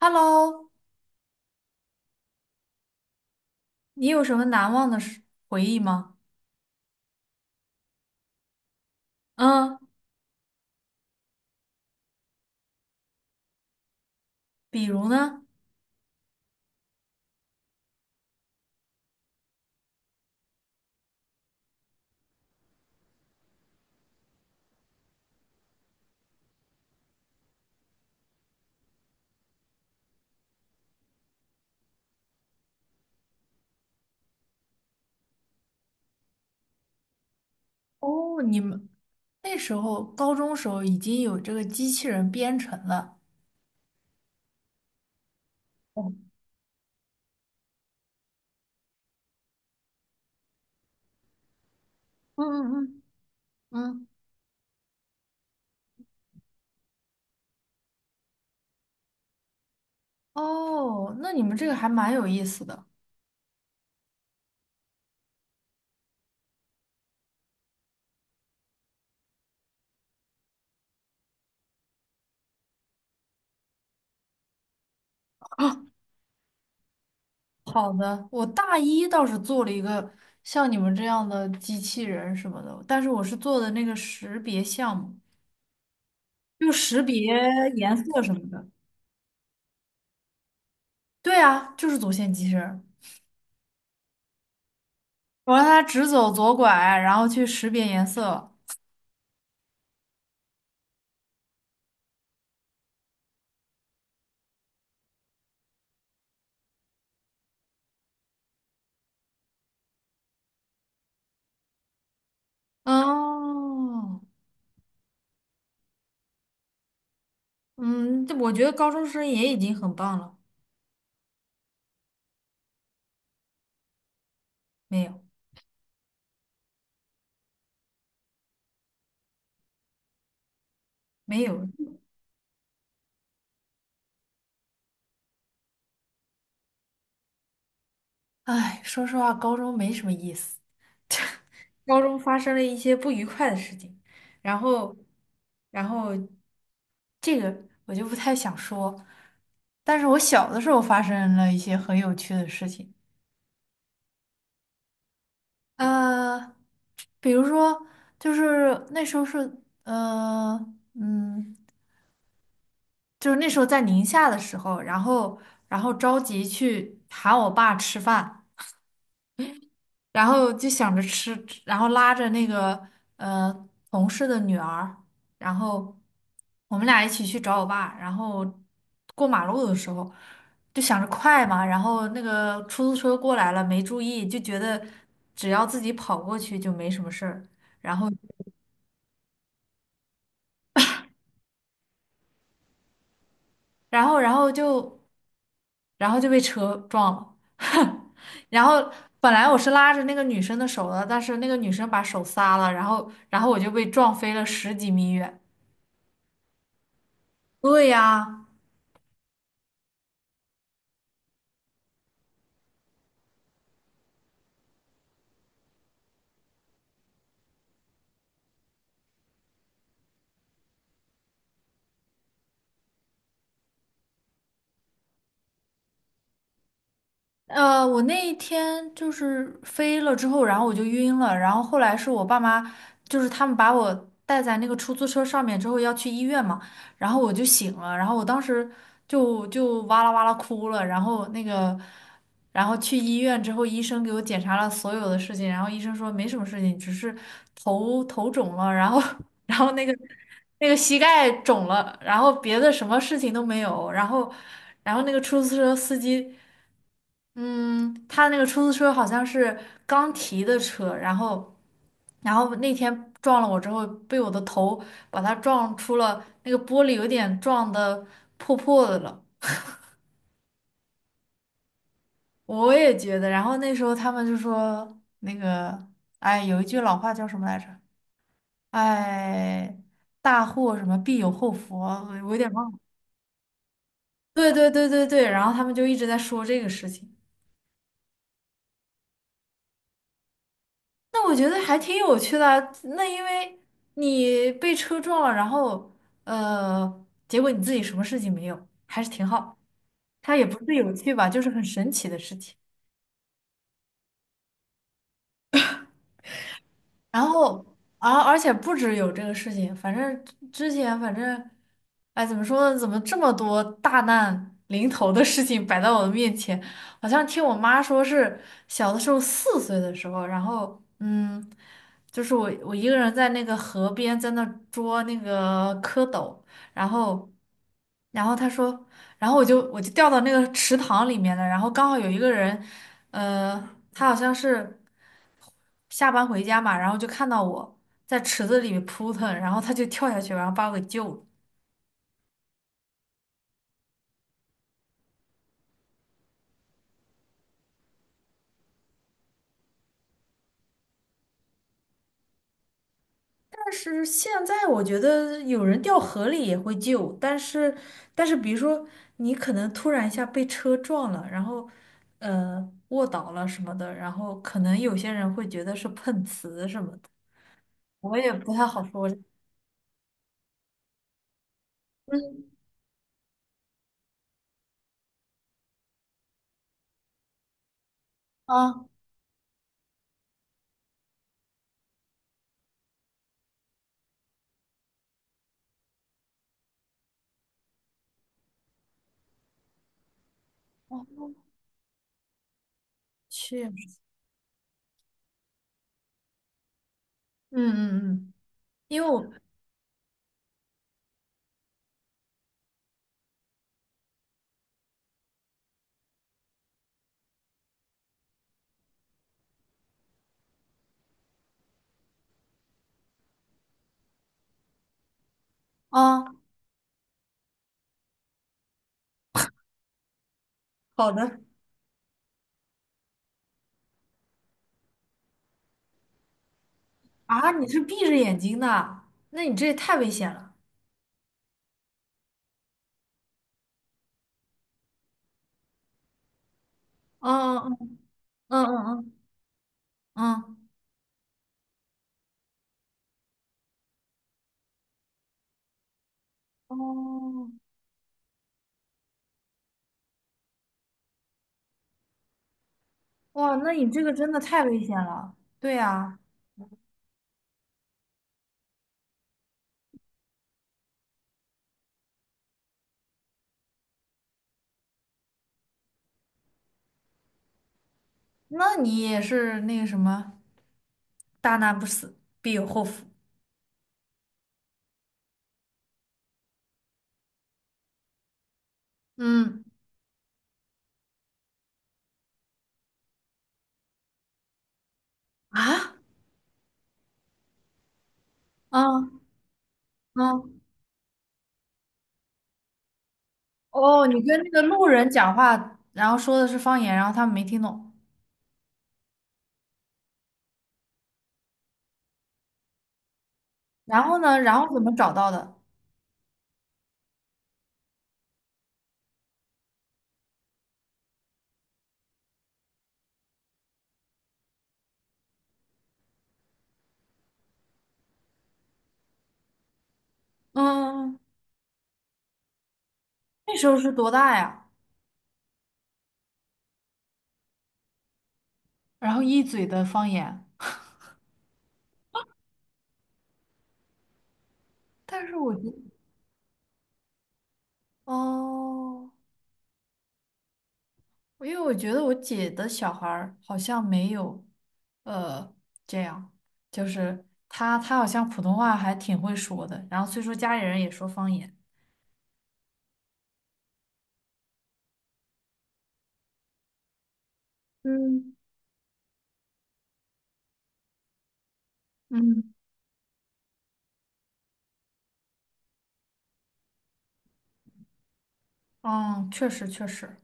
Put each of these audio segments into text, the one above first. Hello，你有什么难忘的事回忆吗？嗯，比如呢？哦，你们那时候高中时候已经有这个机器人编程了。哦，嗯，嗯，嗯，嗯，哦，那你们这个还蛮有意思的。好的，我大一倒是做了一个像你们这样的机器人什么的，但是我是做的那个识别项目，就识别颜色什么的。对啊，就是走线机器人，我让它直走左拐，然后去识别颜色。哦，嗯，这我觉得高中生也已经很棒了。没有，没有，唉，说实话，高中没什么意思。高中发生了一些不愉快的事情，然后，然后，这个我就不太想说，但是我小的时候发生了一些很有趣的事情。呃，比如说，就是那时候是，嗯，就是那时候在宁夏的时候，然后然后着急去喊我爸吃饭，然后就想着吃，然后拉着那个同事的女儿，然后我们俩一起去找我爸，然后过马路的时候就想着快嘛，然后那个出租车过来了，没注意，就觉得只要自己跑过去就没什么事儿，然后然后然后就。然后就被车撞了。然后本来我是拉着那个女生的手的，但是那个女生把手撒了，然后我就被撞飞了十几米远。对呀。我那一天就是飞了之后，然后我就晕了，然后后来是我爸妈，就是他们把我带在那个出租车上面之后要去医院嘛，然后我就醒了，然后我当时就哇啦哇啦哭了，然后那个，然后去医院之后，医生给我检查了所有的事情，然后医生说没什么事情，只是头肿了，然后 然后那个膝盖肿了，然后别的什么事情都没有。然后。然后那个出租车司机，嗯，他那个出租车好像是刚提的车，然后那天撞了我之后，被我的头把他撞出了那个玻璃，有点撞的破破的了。我也觉得。然后那时候他们就说那个，哎，有一句老话叫什么来着？哎，大祸什么必有后福，我有点忘了。对对对对对，然后他们就一直在说这个事情。那我觉得还挺有趣的啊，那因为你被车撞了，然后结果你自己什么事情没有，还是挺好。它也不是有趣吧，就是很神奇的事情。然后，而且不止有这个事情，反正之前反正，哎，怎么说呢？怎么这么多大难临头的事情摆在我的面前？好像听我妈说是小的时候4岁的时候，然后就是我一个人在那个河边在那捉那个蝌蚪，然后她说，然后我就掉到那个池塘里面了，然后刚好有一个人，呃，他好像是下班回家嘛，然后就看到我在池子里面扑腾，然后他就跳下去，然后把我给救了。但是现在我觉得有人掉河里也会救，但是比如说你可能突然一下被车撞了，然后卧倒了什么的，然后可能有些人会觉得是碰瓷什么的，我也不太好说。嗯，啊，我去，嗯，嗯，嗯，因为我，啊，好的，啊，你是闭着眼睛的，那你这也太危险了。嗯。嗯，嗯，嗯，嗯，哦，哇，那你这个真的太危险了。对呀，那你也是那个什么，大难不死，必有后福。嗯，啊，嗯，嗯，哦，你跟那个路人讲话，然后说的是方言，然后他们没听懂，然后呢，然后怎么找到的？嗯，那时候是多大呀？然后一嘴的方言，但是我觉得，哦。因为我觉得我姐的小孩儿好像没有，呃，这样，就是她好像普通话还挺会说的，然后虽说家里人也说方言。嗯，嗯，嗯，确实确实。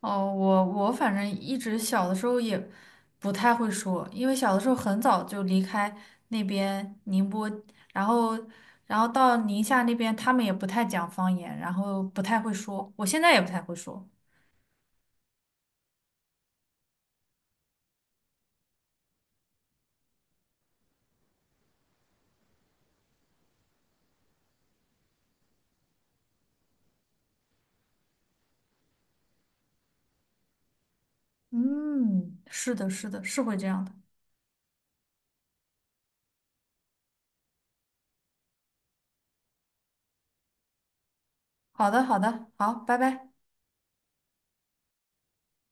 哦，我反正一直小的时候也不太会说，因为小的时候很早就离开那边宁波，然后到宁夏那边，他们也不太讲方言，然后不太会说，我现在也不太会说。嗯，是的，是的，是会这样的。好的，好的，好，拜拜。